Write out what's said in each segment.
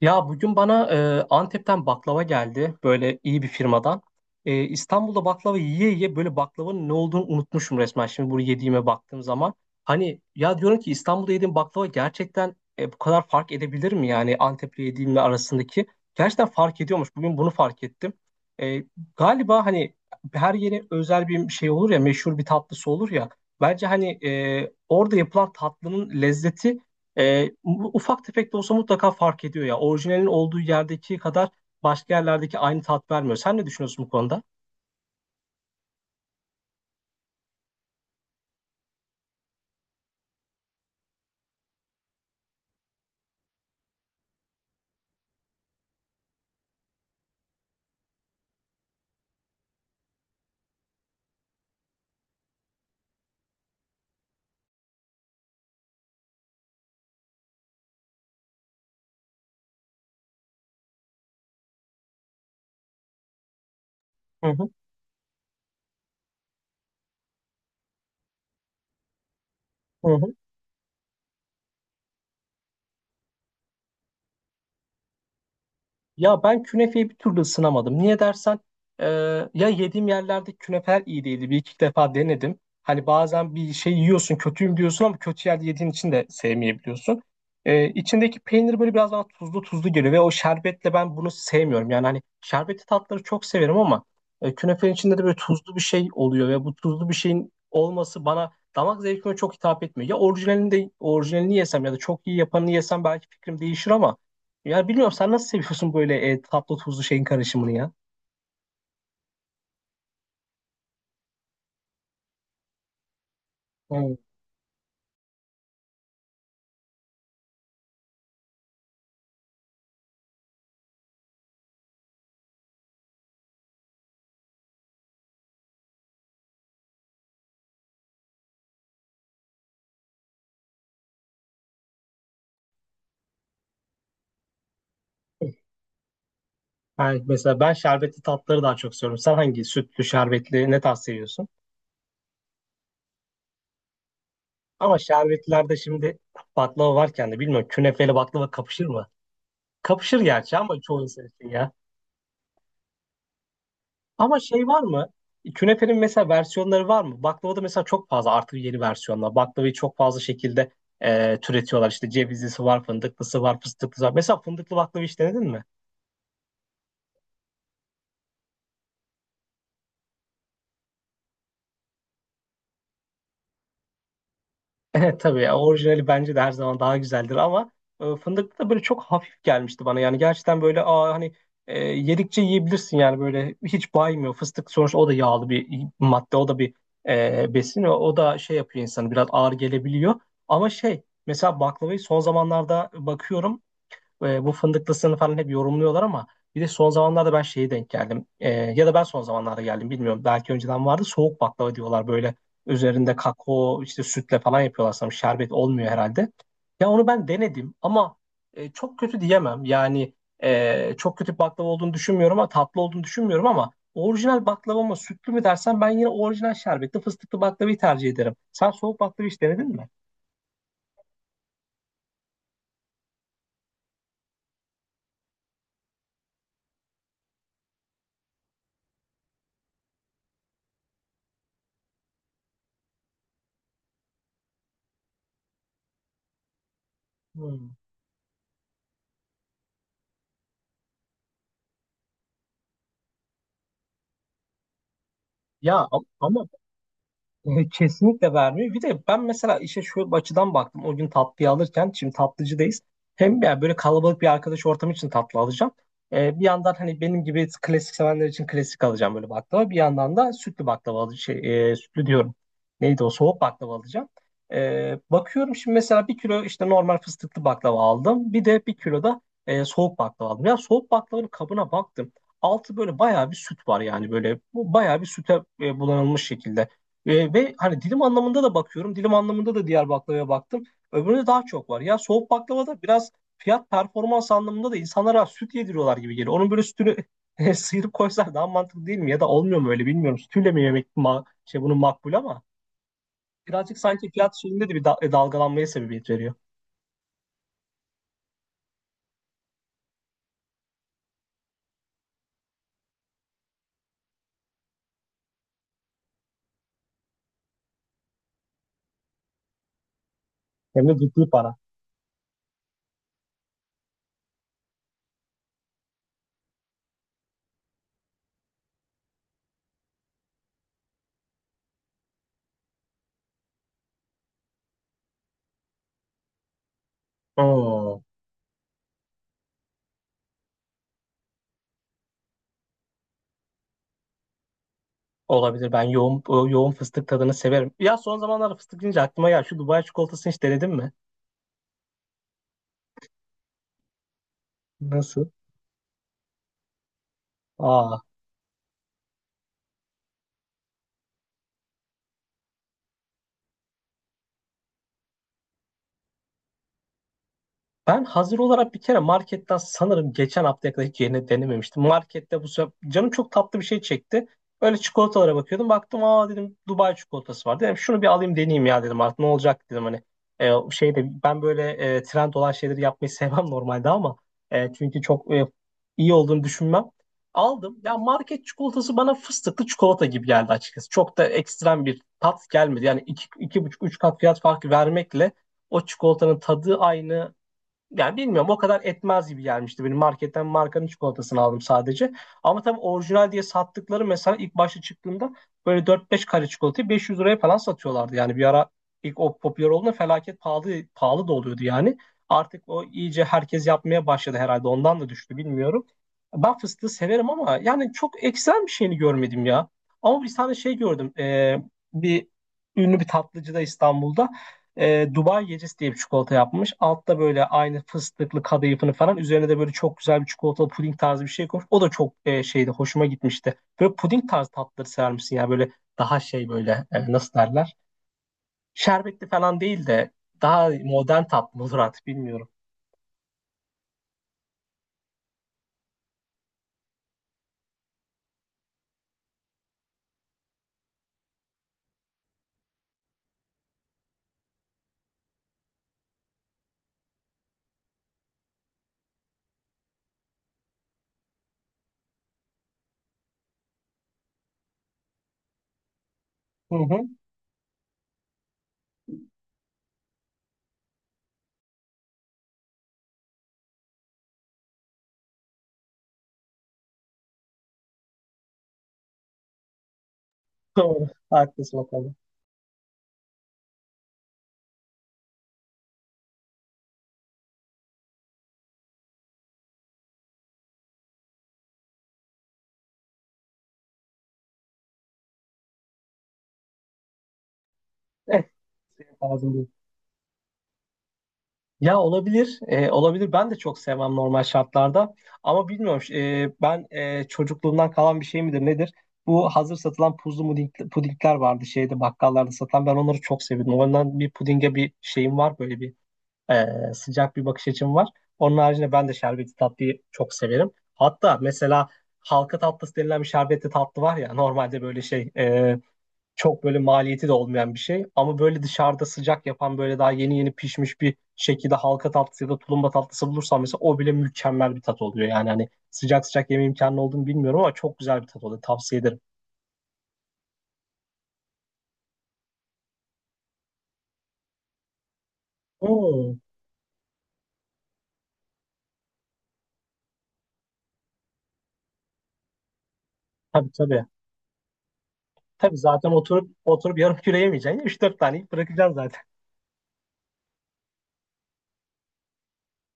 Ya bugün bana Antep'ten baklava geldi böyle iyi bir firmadan. İstanbul'da baklava yiye yiye böyle baklavanın ne olduğunu unutmuşum resmen şimdi bunu yediğime baktığım zaman. Hani ya diyorum ki İstanbul'da yediğim baklava gerçekten bu kadar fark edebilir mi yani Antep'le yediğimle arasındaki? Gerçekten fark ediyormuş bugün bunu fark ettim. E, Galiba hani her yere özel bir şey olur ya meşhur bir tatlısı olur ya. Bence hani orada yapılan tatlının lezzeti bu ufak tefek de olsa mutlaka fark ediyor ya. Orijinalin olduğu yerdeki kadar başka yerlerdeki aynı tat vermiyor. Sen ne düşünüyorsun bu konuda? Hı hı, hı hı. Ya ben künefeyi bir türlü ısınamadım. Niye dersen e, ya yediğim yerlerde künefer iyi değildi. Bir iki defa denedim. Hani bazen bir şey yiyorsun kötüyüm diyorsun ama kötü yerde yediğin için de sevmeyebiliyorsun. İçindeki peynir böyle biraz bana tuzlu tuzlu geliyor ve o şerbetle ben bunu sevmiyorum. Yani hani şerbetli tatları çok severim ama künefenin içinde de böyle tuzlu bir şey oluyor ve bu tuzlu bir şeyin olması bana damak zevkime çok hitap etmiyor. Ya orijinalini de orijinalini yesem ya da çok iyi yapanını yesem belki fikrim değişir ama ya bilmiyorum sen nasıl seviyorsun böyle tatlı tuzlu şeyin karışımını ya? Yani mesela ben şerbetli tatları daha çok seviyorum. Sen hangi sütlü, şerbetli ne tarz seviyorsun? Ama şerbetlilerde şimdi baklava varken de bilmiyorum künefeyle baklava kapışır mı? Kapışır gerçi ama çoğu insan için ya. Ama şey var mı? Künefenin mesela versiyonları var mı? Baklavada mesela çok fazla artık yeni versiyonlar. Baklavayı çok fazla şekilde türetiyorlar. İşte cevizlisi var, fındıklısı var, fıstıklısı var. Mesela fındıklı baklava hiç denedin mi? Evet tabii ya orijinali bence de her zaman daha güzeldir ama fındıklı da böyle çok hafif gelmişti bana. Yani gerçekten böyle hani yedikçe yiyebilirsin yani böyle hiç baymıyor. Fıstık sonuçta o da yağlı bir madde o da bir besin o da şey yapıyor insanı biraz ağır gelebiliyor. Ama şey mesela baklavayı son zamanlarda bakıyorum bu fındıklısını falan hep yorumluyorlar ama bir de son zamanlarda ben şeye denk geldim. E, ya da ben son zamanlarda geldim bilmiyorum. Belki önceden vardı soğuk baklava diyorlar böyle üzerinde kakao işte sütle falan yapıyorlar sanırım. Şerbet olmuyor herhalde. Ya onu ben denedim ama çok kötü diyemem. Yani çok kötü bir baklava olduğunu düşünmüyorum ama tatlı olduğunu düşünmüyorum ama orijinal baklava mı sütlü mü dersen ben yine orijinal şerbetli fıstıklı baklavayı tercih ederim. Sen soğuk baklava hiç denedin mi? Hmm. Ya ama kesinlikle vermiyor. Bir de ben mesela işe şu açıdan baktım. O gün tatlıyı alırken şimdi tatlıcıdayız. Hem yani böyle kalabalık bir arkadaş ortamı için tatlı alacağım. Bir yandan hani benim gibi klasik sevenler için klasik alacağım böyle baklava. Bir yandan da sütlü baklava alacağım. Sütlü diyorum. Neydi o soğuk baklava alacağım. Bakıyorum şimdi mesela bir kilo işte normal fıstıklı baklava aldım. Bir de bir kilo da soğuk baklava aldım. Ya soğuk baklavanın kabına baktım. Altı böyle bayağı bir süt var yani böyle. Bu bayağı bir süte bulanılmış şekilde. Ve hani dilim anlamında da bakıyorum. Dilim anlamında da diğer baklavaya baktım. Öbüründe daha çok var. Ya soğuk baklava biraz fiyat performans anlamında da insanlara süt yediriyorlar gibi geliyor. Onun böyle sütünü sıyırıp koysalar daha mantıklı değil mi? Ya da olmuyor mu öyle bilmiyorum. Sütüyle mi yemek şey bunun makbul ama birazcık sanki fiyat şeyinde de bir dalgalanmaya sebebiyet veriyor. Hem de ciddi para. Hmm. Olabilir. Ben yoğun yoğun fıstık tadını severim. Ya son zamanlarda fıstık deyince aklıma ya şu Dubai çikolatasını hiç denedin mi? Nasıl? Aa. Ben hazır olarak bir kere marketten sanırım geçen haftaya kadar hiç yeni denememiştim. Markette bu sefer canım çok tatlı bir şey çekti. Öyle çikolatalara bakıyordum. Baktım aa dedim Dubai çikolatası var. Dedim şunu bir alayım deneyeyim ya dedim artık ne olacak dedim hani. Şeyde ben böyle trend olan şeyleri yapmayı sevmem normalde ama çünkü çok iyi olduğunu düşünmem. Aldım. Ya market çikolatası bana fıstıklı çikolata gibi geldi açıkçası. Çok da ekstrem bir tat gelmedi. Yani iki buçuk, üç kat fiyat farkı vermekle o çikolatanın tadı aynı, yani bilmiyorum o kadar etmez gibi gelmişti. Benim marketten markanın çikolatasını aldım sadece. Ama tabii orijinal diye sattıkları mesela ilk başta çıktığında böyle dört beş kare çikolatayı 500 liraya falan satıyorlardı. Yani bir ara ilk o popüler olduğunda felaket pahalı pahalı da oluyordu yani. Artık o iyice herkes yapmaya başladı herhalde. Ondan da düştü bilmiyorum. Ben fıstığı severim ama yani çok ekstrem bir şeyini görmedim ya. Ama bir tane şey gördüm. Bir Ünlü bir tatlıcıda İstanbul'da Dubai gecesi diye bir çikolata yapmış. Altta böyle aynı fıstıklı kadayıfını falan. Üzerine de böyle çok güzel bir çikolatalı puding tarzı bir şey koymuş. O da çok şeydi hoşuma gitmişti. Böyle puding tarzı tatları sever misin ya? Böyle daha şey böyle nasıl derler? Şerbetli falan değil de daha modern tatlı olur artık bilmiyorum. Hı hı. Doğru. Haklısın o. Evet. Ağzım. Ya olabilir, olabilir. Ben de çok sevmem normal şartlarda. Ama bilmiyorum, ben çocukluğumdan kalan bir şey midir nedir? Bu hazır satılan puzlu puding, pudingler vardı şeyde bakkallarda satılan. Ben onları çok seviyordum. Ondan bir pudinge bir şeyim var, böyle bir e, sıcak bir bakış açım var. Onun haricinde ben de şerbetli tatlıyı çok severim. Hatta mesela halka tatlısı denilen bir şerbetli tatlı var ya normalde böyle çok böyle maliyeti de olmayan bir şey. Ama böyle dışarıda sıcak yapan böyle daha yeni yeni pişmiş bir şekilde halka tatlısı ya da tulumba tatlısı bulursam mesela o bile mükemmel bir tat oluyor. Yani hani sıcak sıcak yeme imkanı olduğunu bilmiyorum ama çok güzel bir tat oluyor. Tavsiye ederim. Oo, tabii tabii. Tabii zaten oturup oturup yarım kilo yemeyeceksin. Üç dört tane yiyip bırakacaksın zaten.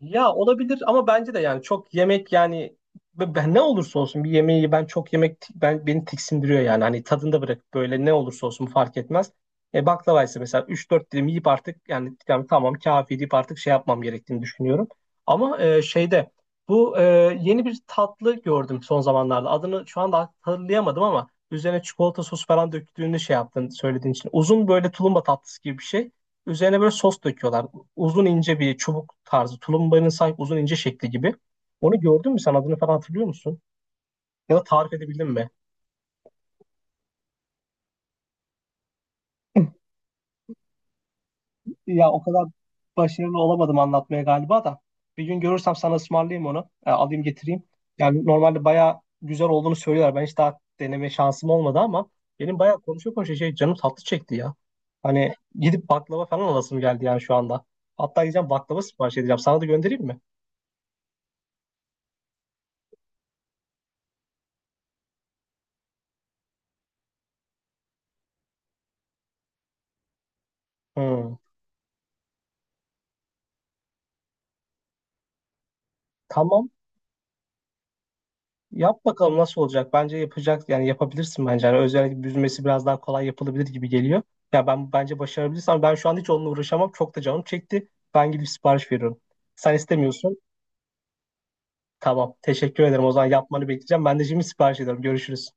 Ya olabilir ama bence de yani çok yemek yani ben ne olursa olsun bir yemeği ben çok yemek ben beni tiksindiriyor yani hani tadında bırakıp böyle ne olursa olsun fark etmez. E baklava ise mesela 3-4 dilim yiyip artık yani tamam kafi deyip artık şey yapmam gerektiğini düşünüyorum. Ama bu e, yeni bir tatlı gördüm son zamanlarda adını şu anda hatırlayamadım ama üzerine çikolata sos falan döktüğünü şey yaptın söylediğin için uzun böyle tulumba tatlısı gibi bir şey. Üzerine böyle sos döküyorlar uzun ince bir çubuk tarzı tulumbanın sahip uzun ince şekli gibi. Onu gördün mü sen adını falan hatırlıyor musun? Ya da tarif edebildin mi? Ya o kadar başarılı olamadım anlatmaya galiba da. Bir gün görürsem sana ısmarlayayım onu. Alayım getireyim. Yani normalde bayağı güzel olduğunu söylüyorlar. Ben hiç daha deneme şansım olmadı ama benim bayağı konuşa konuşa şey canım tatlı çekti ya. Hani gidip baklava falan alasım geldi yani şu anda. Hatta gideceğim baklava sipariş edeceğim. Sana da göndereyim mi? Hmm. Tamam. Yap bakalım nasıl olacak. Bence yapacak yani yapabilirsin bence. Yani özellikle büzmesi biraz daha kolay yapılabilir gibi geliyor. Ya ben bence başarabilirsem ben şu an hiç onunla uğraşamam. Çok da canım çekti. Ben gidip sipariş veriyorum. Sen istemiyorsun. Tamam. Teşekkür ederim. O zaman yapmanı bekleyeceğim. Ben de şimdi sipariş ediyorum. Görüşürüz.